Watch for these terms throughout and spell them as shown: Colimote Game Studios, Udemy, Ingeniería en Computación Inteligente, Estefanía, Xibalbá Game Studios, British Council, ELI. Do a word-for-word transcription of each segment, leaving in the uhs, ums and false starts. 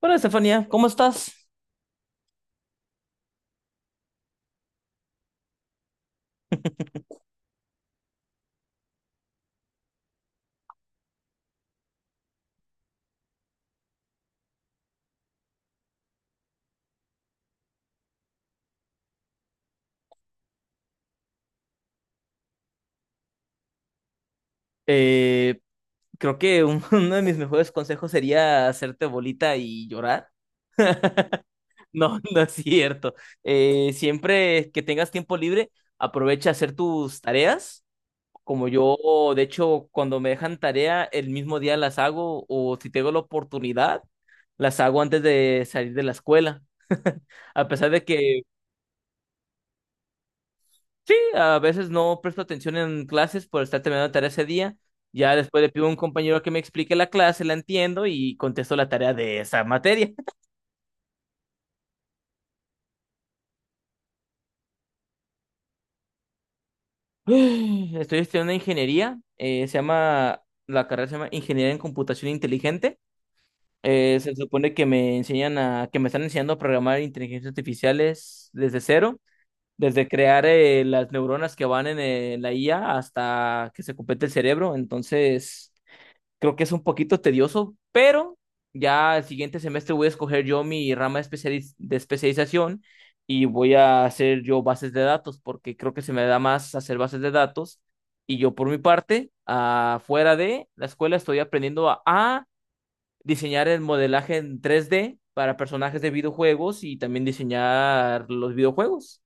Hola, Estefanía, ¿cómo estás? Eh, creo que un- uno de mis mejores consejos sería hacerte bolita y llorar. No, no es cierto. Eh, siempre que tengas tiempo libre, aprovecha a hacer tus tareas. Como yo, de hecho, cuando me dejan tarea, el mismo día las hago o si tengo la oportunidad, las hago antes de salir de la escuela. A pesar de que. Sí, a veces no presto atención en clases por estar terminando la tarea ese día. Ya después le pido a un compañero que me explique la clase, la entiendo y contesto la tarea de esa materia. Estoy estudiando ingeniería, eh, se llama, la carrera se llama Ingeniería en Computación Inteligente. Eh, se supone que me enseñan a, que me están enseñando a programar inteligencias artificiales desde cero, desde crear eh, las neuronas que van en eh, la I A hasta que se complete el cerebro. Entonces, creo que es un poquito tedioso, pero ya el siguiente semestre voy a escoger yo mi rama de, especializ- de especialización y voy a hacer yo bases de datos, porque creo que se me da más hacer bases de datos. Y yo por mi parte, afuera de la escuela, estoy aprendiendo a, a diseñar el modelaje en tres d para personajes de videojuegos y también diseñar los videojuegos.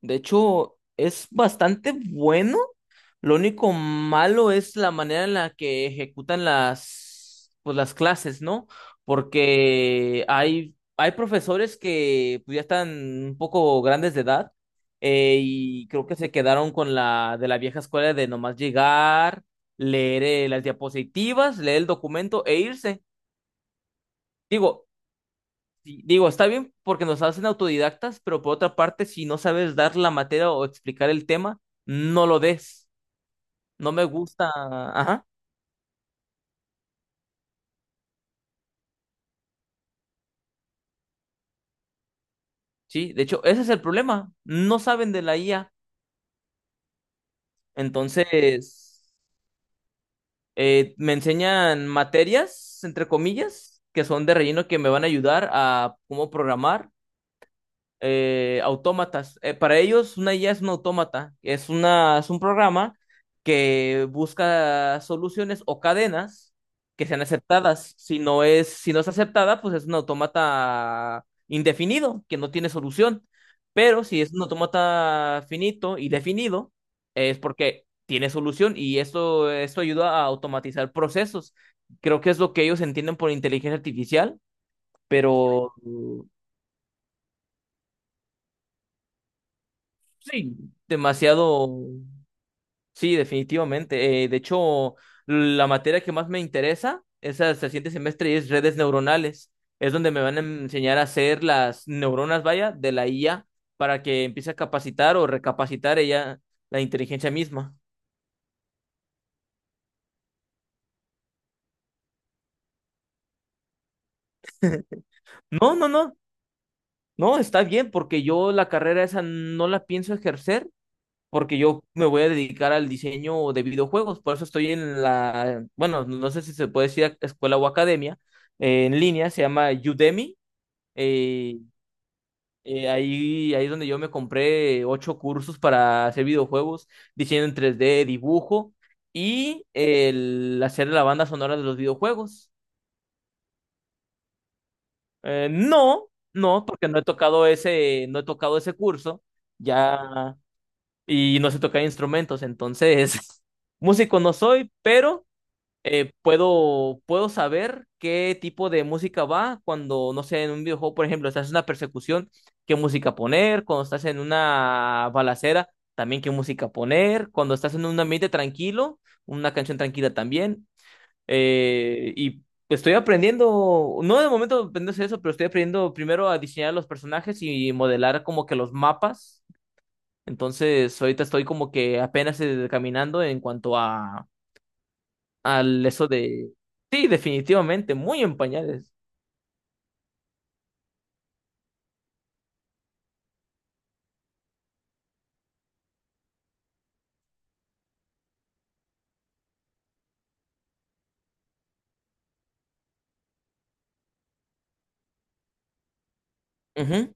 De hecho, es bastante bueno. Lo único malo es la manera en la que ejecutan las, pues, las clases, ¿no? Porque hay, hay profesores que, pues, ya están un poco grandes de edad, eh, y creo que se quedaron con la de la vieja escuela de nomás llegar, leer eh, las diapositivas, leer el documento e irse. Digo, di- digo, está bien porque nos hacen autodidactas, pero por otra parte, si no sabes dar la materia o explicar el tema, no lo des. No me gusta. Ajá. Sí, de hecho, ese es el problema. No saben de la I A. Entonces, eh, me enseñan materias, entre comillas, que son de relleno que me van a ayudar a cómo programar eh, autómatas. Eh, para ellos, una I A es un autómata, es una, es un programa que busca soluciones o cadenas que sean aceptadas. Si no es, si no es aceptada, pues es un autómata indefinido, que no tiene solución. Pero si es un autómata finito y definido, es porque tiene solución, y esto, esto ayuda a automatizar procesos. Creo que es lo que ellos entienden por inteligencia artificial, pero sí, demasiado. Sí, definitivamente. Eh, de hecho, la materia que más me interesa es hasta el siguiente semestre y es redes neuronales. Es donde me van a enseñar a hacer las neuronas, vaya, de la I A para que empiece a capacitar o recapacitar ella la inteligencia misma. No, no, no. No, está bien porque yo la carrera esa no la pienso ejercer porque yo me voy a dedicar al diseño de videojuegos. Por eso estoy en la, bueno, no sé si se puede decir escuela o academia, eh, en línea, se llama Udemy. Eh, Eh, ahí, ahí es donde yo me compré ocho cursos para hacer videojuegos, diseño en tres d dibujo y el hacer la banda sonora de los videojuegos. Eh, no, no, porque no he tocado ese, no he tocado ese curso ya y no sé tocar instrumentos, entonces músico no soy, pero eh, puedo, puedo saber qué tipo de música va cuando, no sé, en un videojuego, por ejemplo, estás en una persecución, qué música poner, cuando estás en una balacera, también qué música poner, cuando estás en un ambiente tranquilo, una canción tranquila también. Eh, y estoy aprendiendo, no de momento aprendiendo a hacer eso, pero estoy aprendiendo primero a diseñar los personajes y modelar como que los mapas. Entonces, ahorita estoy como que apenas eh, caminando en cuanto a al eso de... Sí, definitivamente, muy en pañales. Ujú.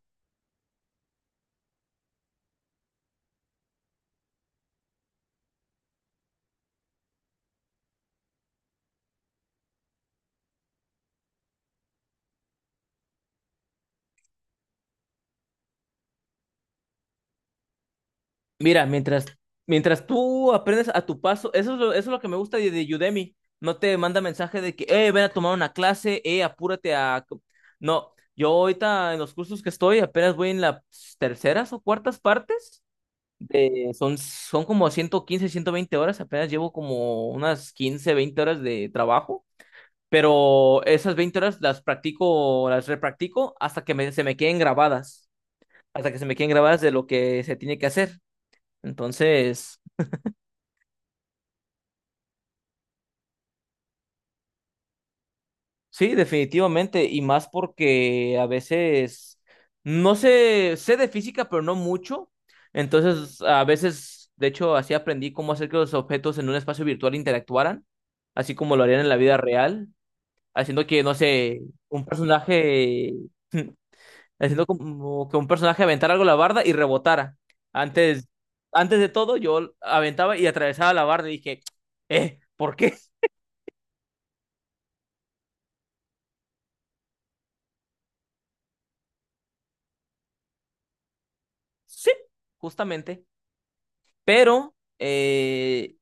Mira, mientras, mientras tú aprendes a tu paso, eso es lo, eso es lo que me gusta de, de Udemy. No te manda mensaje de que, eh, ven a tomar una clase, eh, apúrate a... No, yo ahorita en los cursos que estoy apenas voy en las terceras o cuartas partes. De, son, son como ciento quince ciento veinte horas, apenas llevo como unas quince veinte horas de trabajo. Pero esas veinte horas las practico, las repractico hasta que me- se me queden grabadas, hasta que se me queden grabadas de lo que se tiene que hacer. Entonces, sí, definitivamente, y más porque a veces no sé, sé de física, pero no mucho. Entonces, a veces, de hecho, así aprendí cómo hacer que los objetos en un espacio virtual interactuaran, así como lo harían en la vida real, haciendo que, no sé, un personaje haciendo como que un personaje aventara algo a la barda y rebotara. Antes, antes de todo, yo aventaba y atravesaba la barda y dije, eh, ¿por qué? Sí, justamente. Pero eh,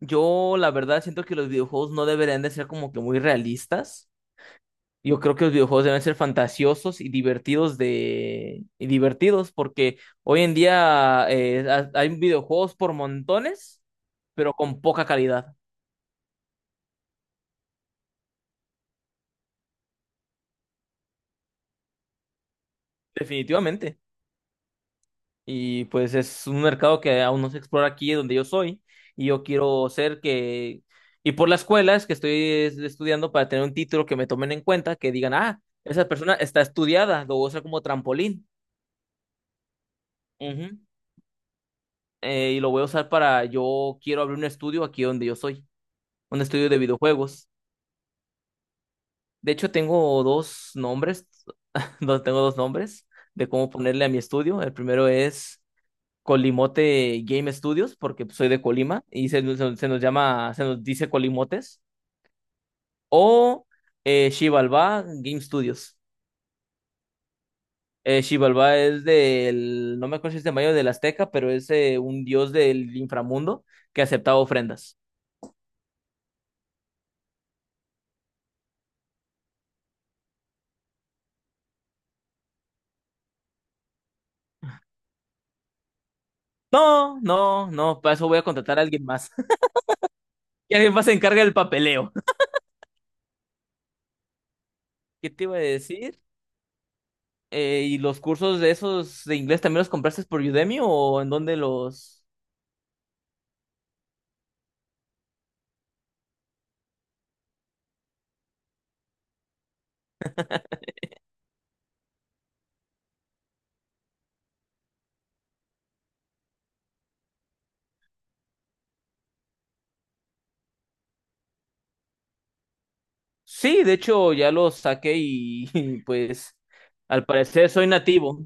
yo la verdad siento que los videojuegos no deberían de ser como que muy realistas. Yo creo que los videojuegos deben ser fantasiosos y divertidos de y divertidos porque hoy en día eh, ha- hay videojuegos por montones, pero con poca calidad, definitivamente. Y pues es un mercado que aún no se explora aquí donde yo soy. Y yo quiero ser que... Y por las escuelas que estoy es- estudiando para tener un título que me tomen en cuenta, que digan, ah, esa persona está estudiada, lo voy a usar como trampolín. Ujú. Eh, y lo voy a usar para, yo quiero abrir un estudio aquí donde yo soy, un estudio de videojuegos. De hecho, tengo dos nombres, no, tengo dos nombres de cómo ponerle a mi estudio. El primero es... Colimote Game Studios, porque, pues, soy de Colima y se, nos- se nos llama, se nos dice Colimotes, o eh, Xibalbá Game Studios. Eh, Xibalbá es del, no me acuerdo si es de Mayo del Azteca, pero es eh, un dios del inframundo que aceptaba ofrendas. No, no, no, para eso voy a contratar a alguien más. Y alguien más se encarga del papeleo. ¿Qué te iba a decir? Eh, ¿y los cursos de esos de inglés también los compraste por Udemy o en dónde los...? Sí, de hecho ya lo saqué y, pues al parecer soy nativo,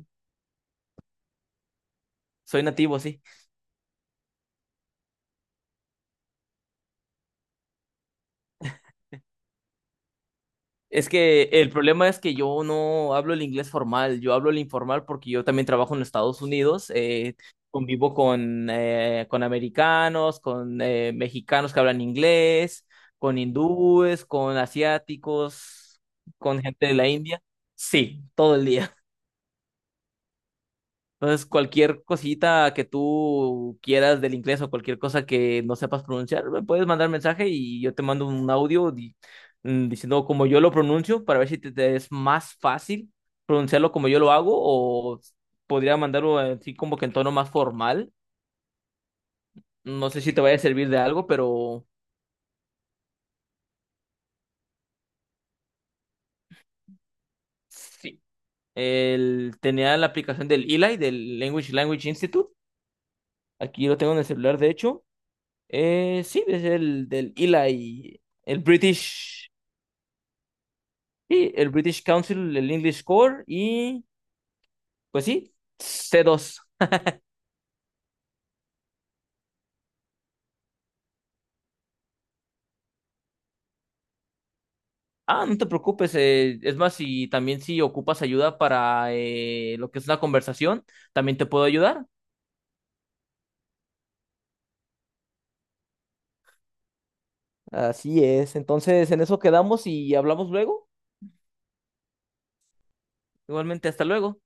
soy nativo, sí. Es que el problema es que yo no hablo el inglés formal, yo hablo el informal porque yo también trabajo en Estados Unidos, eh, convivo con, eh, con americanos, con eh, mexicanos que hablan inglés, con hindúes, con asiáticos, con gente de la India. Sí, todo el día. Entonces, cualquier cosita que tú quieras del inglés o cualquier cosa que no sepas pronunciar, me puedes mandar mensaje y yo te mando un audio di- mm, diciendo cómo yo lo pronuncio para ver si te, te es más fácil pronunciarlo como yo lo hago o podría mandarlo así como que en tono más formal. No sé si te vaya a servir de algo, pero sí. El, tenía la aplicación del E L I, del Language Language Institute. Aquí lo tengo en el celular, de hecho. Eh, sí, es el del E L I, el British. Y el British Council, el English Core y, pues, sí, c dos. Ah, no te preocupes. eh, es más, si también si ocupas ayuda para eh, lo que es la conversación, también te puedo ayudar. Así es. Entonces, en eso quedamos y hablamos luego. Igualmente, hasta luego.